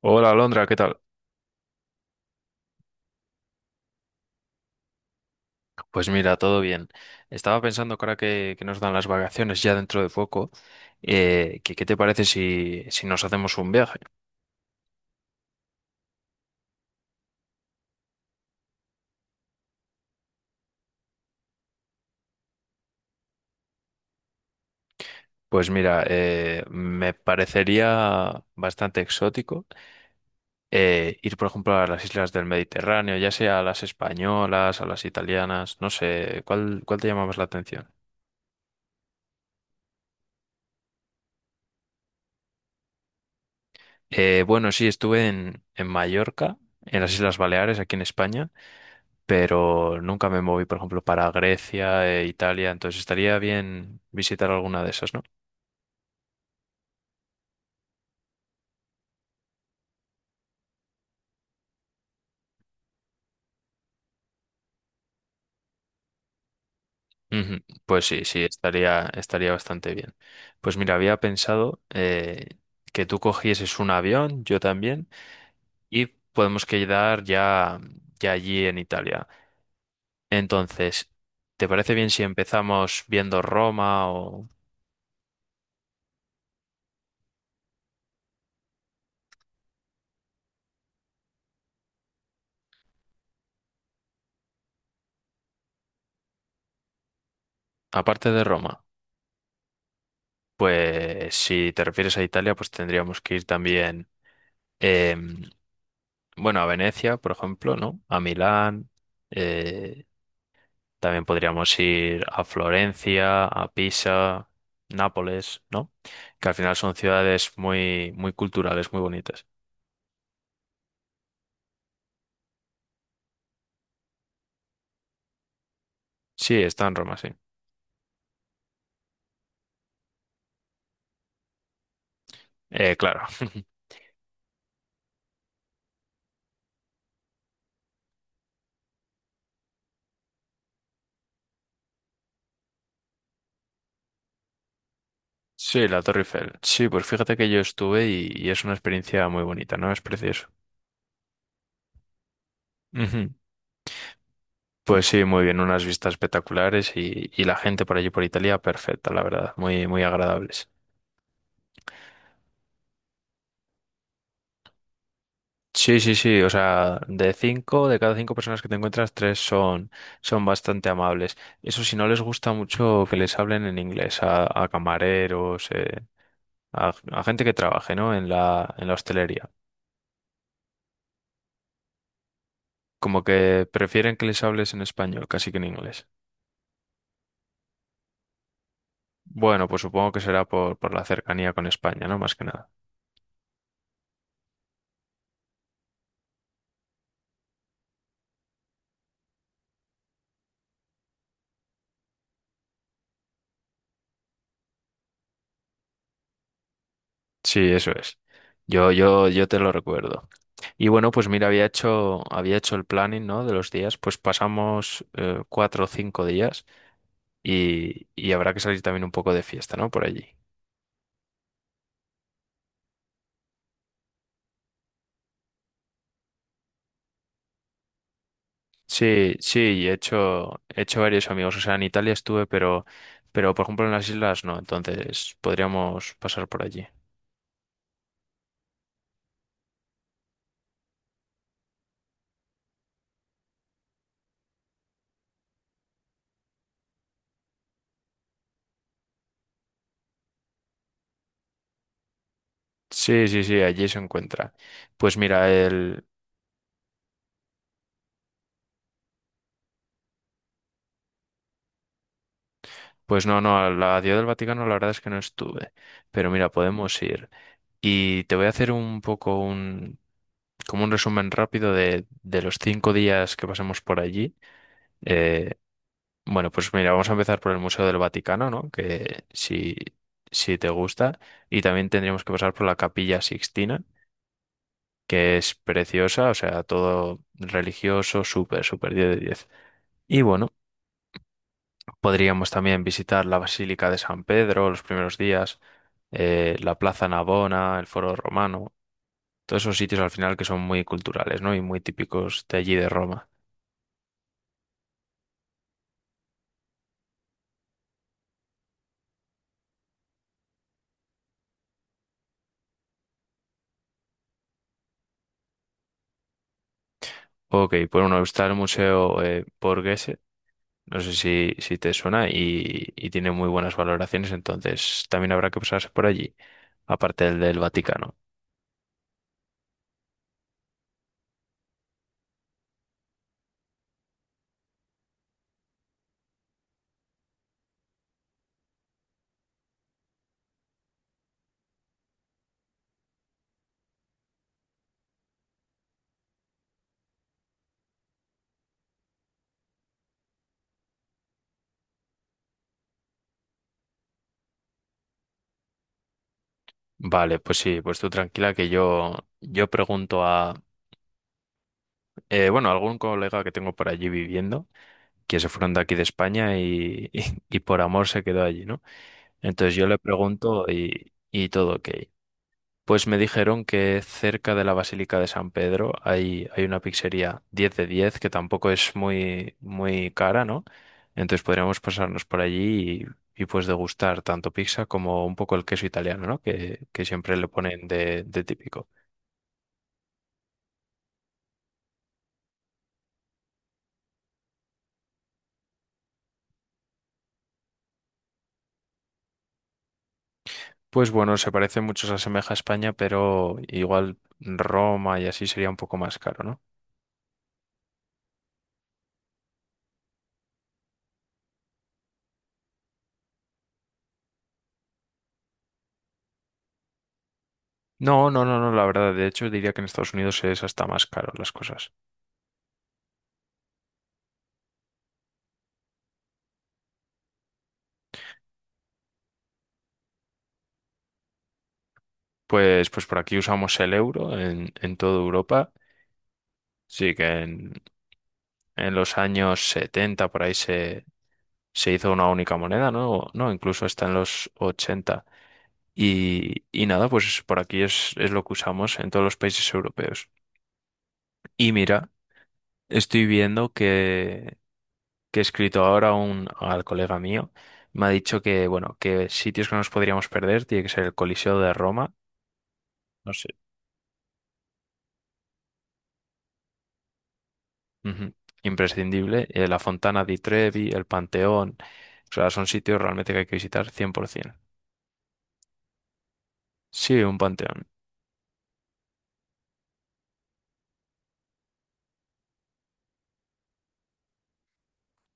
Hola, Alondra, ¿qué tal? Pues mira, todo bien. Estaba pensando que ahora que nos dan las vacaciones ya dentro de poco, ¿qué te parece si nos hacemos un viaje? Pues mira, me parecería bastante exótico ir, por ejemplo, a las islas del Mediterráneo, ya sea a las españolas, a las italianas, no sé, ¿cuál te llama más la atención? Bueno, sí, estuve en Mallorca, en las Islas Baleares, aquí en España. Pero nunca me moví, por ejemplo, para Grecia e Italia, entonces estaría bien visitar alguna de esas, ¿no? Ujú. Pues sí, sí, estaría bastante bien. Pues mira, había pensado que tú cogieses un avión, yo también, y podemos quedar ya, ya allí en Italia. Entonces, ¿te parece bien si empezamos viendo Roma o aparte de Roma? Pues si te refieres a Italia, pues tendríamos que ir también. em, Bueno, a Venecia, por ejemplo, ¿no? A Milán. eh, también podríamos ir a Florencia, a Pisa, Nápoles, ¿no? Que al final son ciudades muy, muy culturales, muy bonitas. Sí, está en Roma, sí. Claro. Sí, la Torre Eiffel. Sí, pues fíjate que yo estuve y es una experiencia muy bonita, ¿no? Es precioso. Ujú. Pues sí, muy bien, unas vistas espectaculares y la gente por allí por Italia, perfecta, la verdad, muy, muy agradables. Sí, sí, sí. O sea, de cinco, de cada cinco personas que te encuentras, tres son, son bastante amables. Eso si no les gusta mucho que les hablen en inglés a camareros, a gente que trabaje, ¿no? En la hostelería. Como que prefieren que les hables en español, casi que en inglés. Bueno, pues supongo que será por la cercanía con España, ¿no? Más que nada. Sí, eso es. Yo te lo recuerdo. Y bueno, pues mira, había hecho el planning, ¿no? De los días. Pues pasamos cuatro o cinco días. Y, y habrá que salir también un poco de fiesta, ¿no? Por allí. Sí, sí, he hecho varios amigos. O sea, en Italia estuve, pero por ejemplo en las islas no. Entonces podríamos pasar por allí. Sí, sí, sí, allí se encuentra. Pues mira, pues no, no, a la Ciudad del Vaticano la verdad es que no estuve. Pero mira, podemos ir. Y te voy a hacer un poco un, como un resumen rápido de los cinco días que pasemos por allí. Eh, Bueno, pues mira, vamos a empezar por el Museo del Vaticano, ¿no? Que si, si te gusta. Y también tendríamos que pasar por la Capilla Sixtina, que es preciosa, o sea, todo religioso, súper, súper 10 de 10. Y bueno, podríamos también visitar la Basílica de San Pedro los primeros días, la Plaza Navona, el Foro Romano, todos esos sitios al final que son muy culturales, ¿no? Y muy típicos de allí de Roma. Ok, por uno está el Museo Borghese. No sé si, si te suena y tiene muy buenas valoraciones, entonces también habrá que pasarse por allí, aparte del Vaticano. Vale, pues sí, pues tú tranquila que yo pregunto a, bueno, algún colega que tengo por allí viviendo, que se fueron de aquí de España y, y, por amor se quedó allí, ¿no? Entonces yo le pregunto y todo ok. Pues me dijeron que cerca de la Basílica de San Pedro hay, hay una pizzería 10 de 10 que tampoco es muy, muy cara, ¿no? Entonces podríamos pasarnos por allí y, pues degustar tanto pizza como un poco el queso italiano, ¿no? Que siempre le ponen de típico. Pues bueno, se parece mucho, se asemeja a España, pero igual Roma y así sería un poco más caro, ¿no? No, no, no, no, la verdad, de hecho diría que en Estados Unidos es hasta más caro las cosas. Pues, pues por aquí usamos el euro en toda Europa. Sí, que en los años 70 por ahí se, se hizo una única moneda, ¿no? O no, incluso está en los ochenta. Y nada, pues por aquí es lo que usamos en todos los países europeos. Y mira, estoy viendo que he escrito ahora un, al colega mío. Me ha dicho que, bueno, que sitios que nos podríamos perder tiene que ser el Coliseo de Roma. No sé. Ujú. Imprescindible. La Fontana di Trevi, el Panteón. O sea, son sitios realmente que hay que visitar 100%. Sí, un panteón.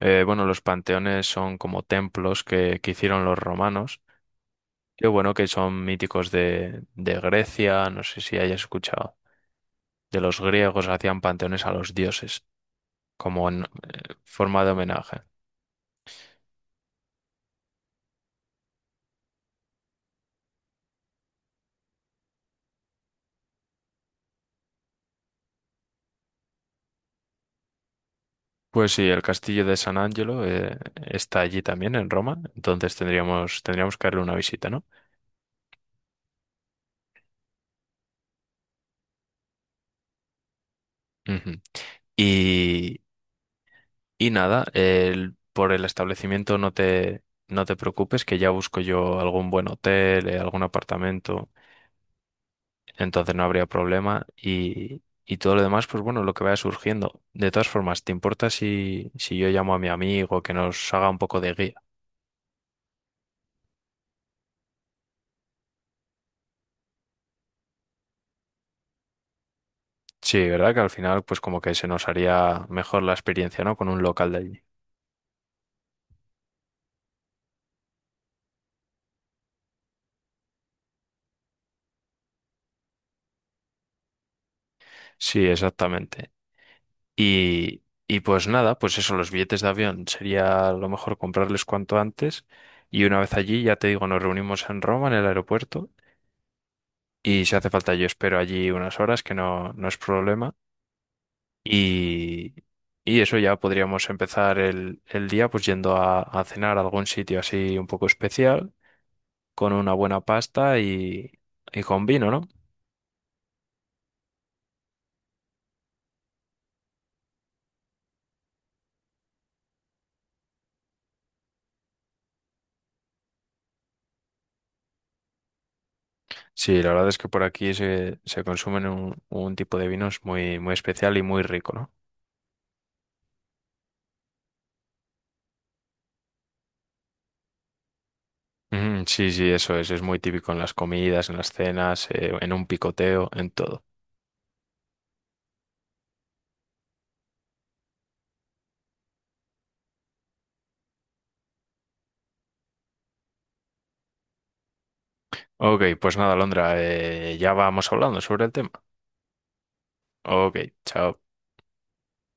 Bueno, los panteones son como templos que hicieron los romanos. Qué bueno que son míticos de Grecia, no sé si hayas escuchado. De los griegos hacían panteones a los dioses, como en forma de homenaje. Pues sí, el castillo de San Angelo está allí también, en Roma, entonces tendríamos, tendríamos que darle una visita, ¿no? Ujú. Y, y nada, el- por el establecimiento no te, no te preocupes, que ya busco yo algún buen hotel, algún apartamento, entonces no habría problema. Y todo lo demás, pues bueno, lo que vaya surgiendo. De todas formas, ¿te importa si, si yo llamo a mi amigo que nos haga un poco de guía? Sí, ¿verdad? Que al final, pues como que se nos haría mejor la experiencia, ¿no? Con un local de allí. Sí, exactamente. Y pues nada, pues eso, los billetes de avión sería lo mejor comprarles cuanto antes. Y una vez allí, ya te digo, nos reunimos en Roma, en el aeropuerto. Y si hace falta, yo espero allí unas horas, que no, no es problema. Y, y eso ya podríamos empezar el día, pues yendo a cenar a algún sitio así un poco especial, con una buena pasta y con vino, ¿no? Sí, la verdad es que por aquí se, se consumen un tipo de vinos muy, muy especial y muy rico, ¿no? Mm, sí, sí, eso es. Es muy típico en las comidas, en las cenas, en un picoteo, en todo. Ok, pues nada, Londra, ya vamos hablando sobre el tema. Ok, chao.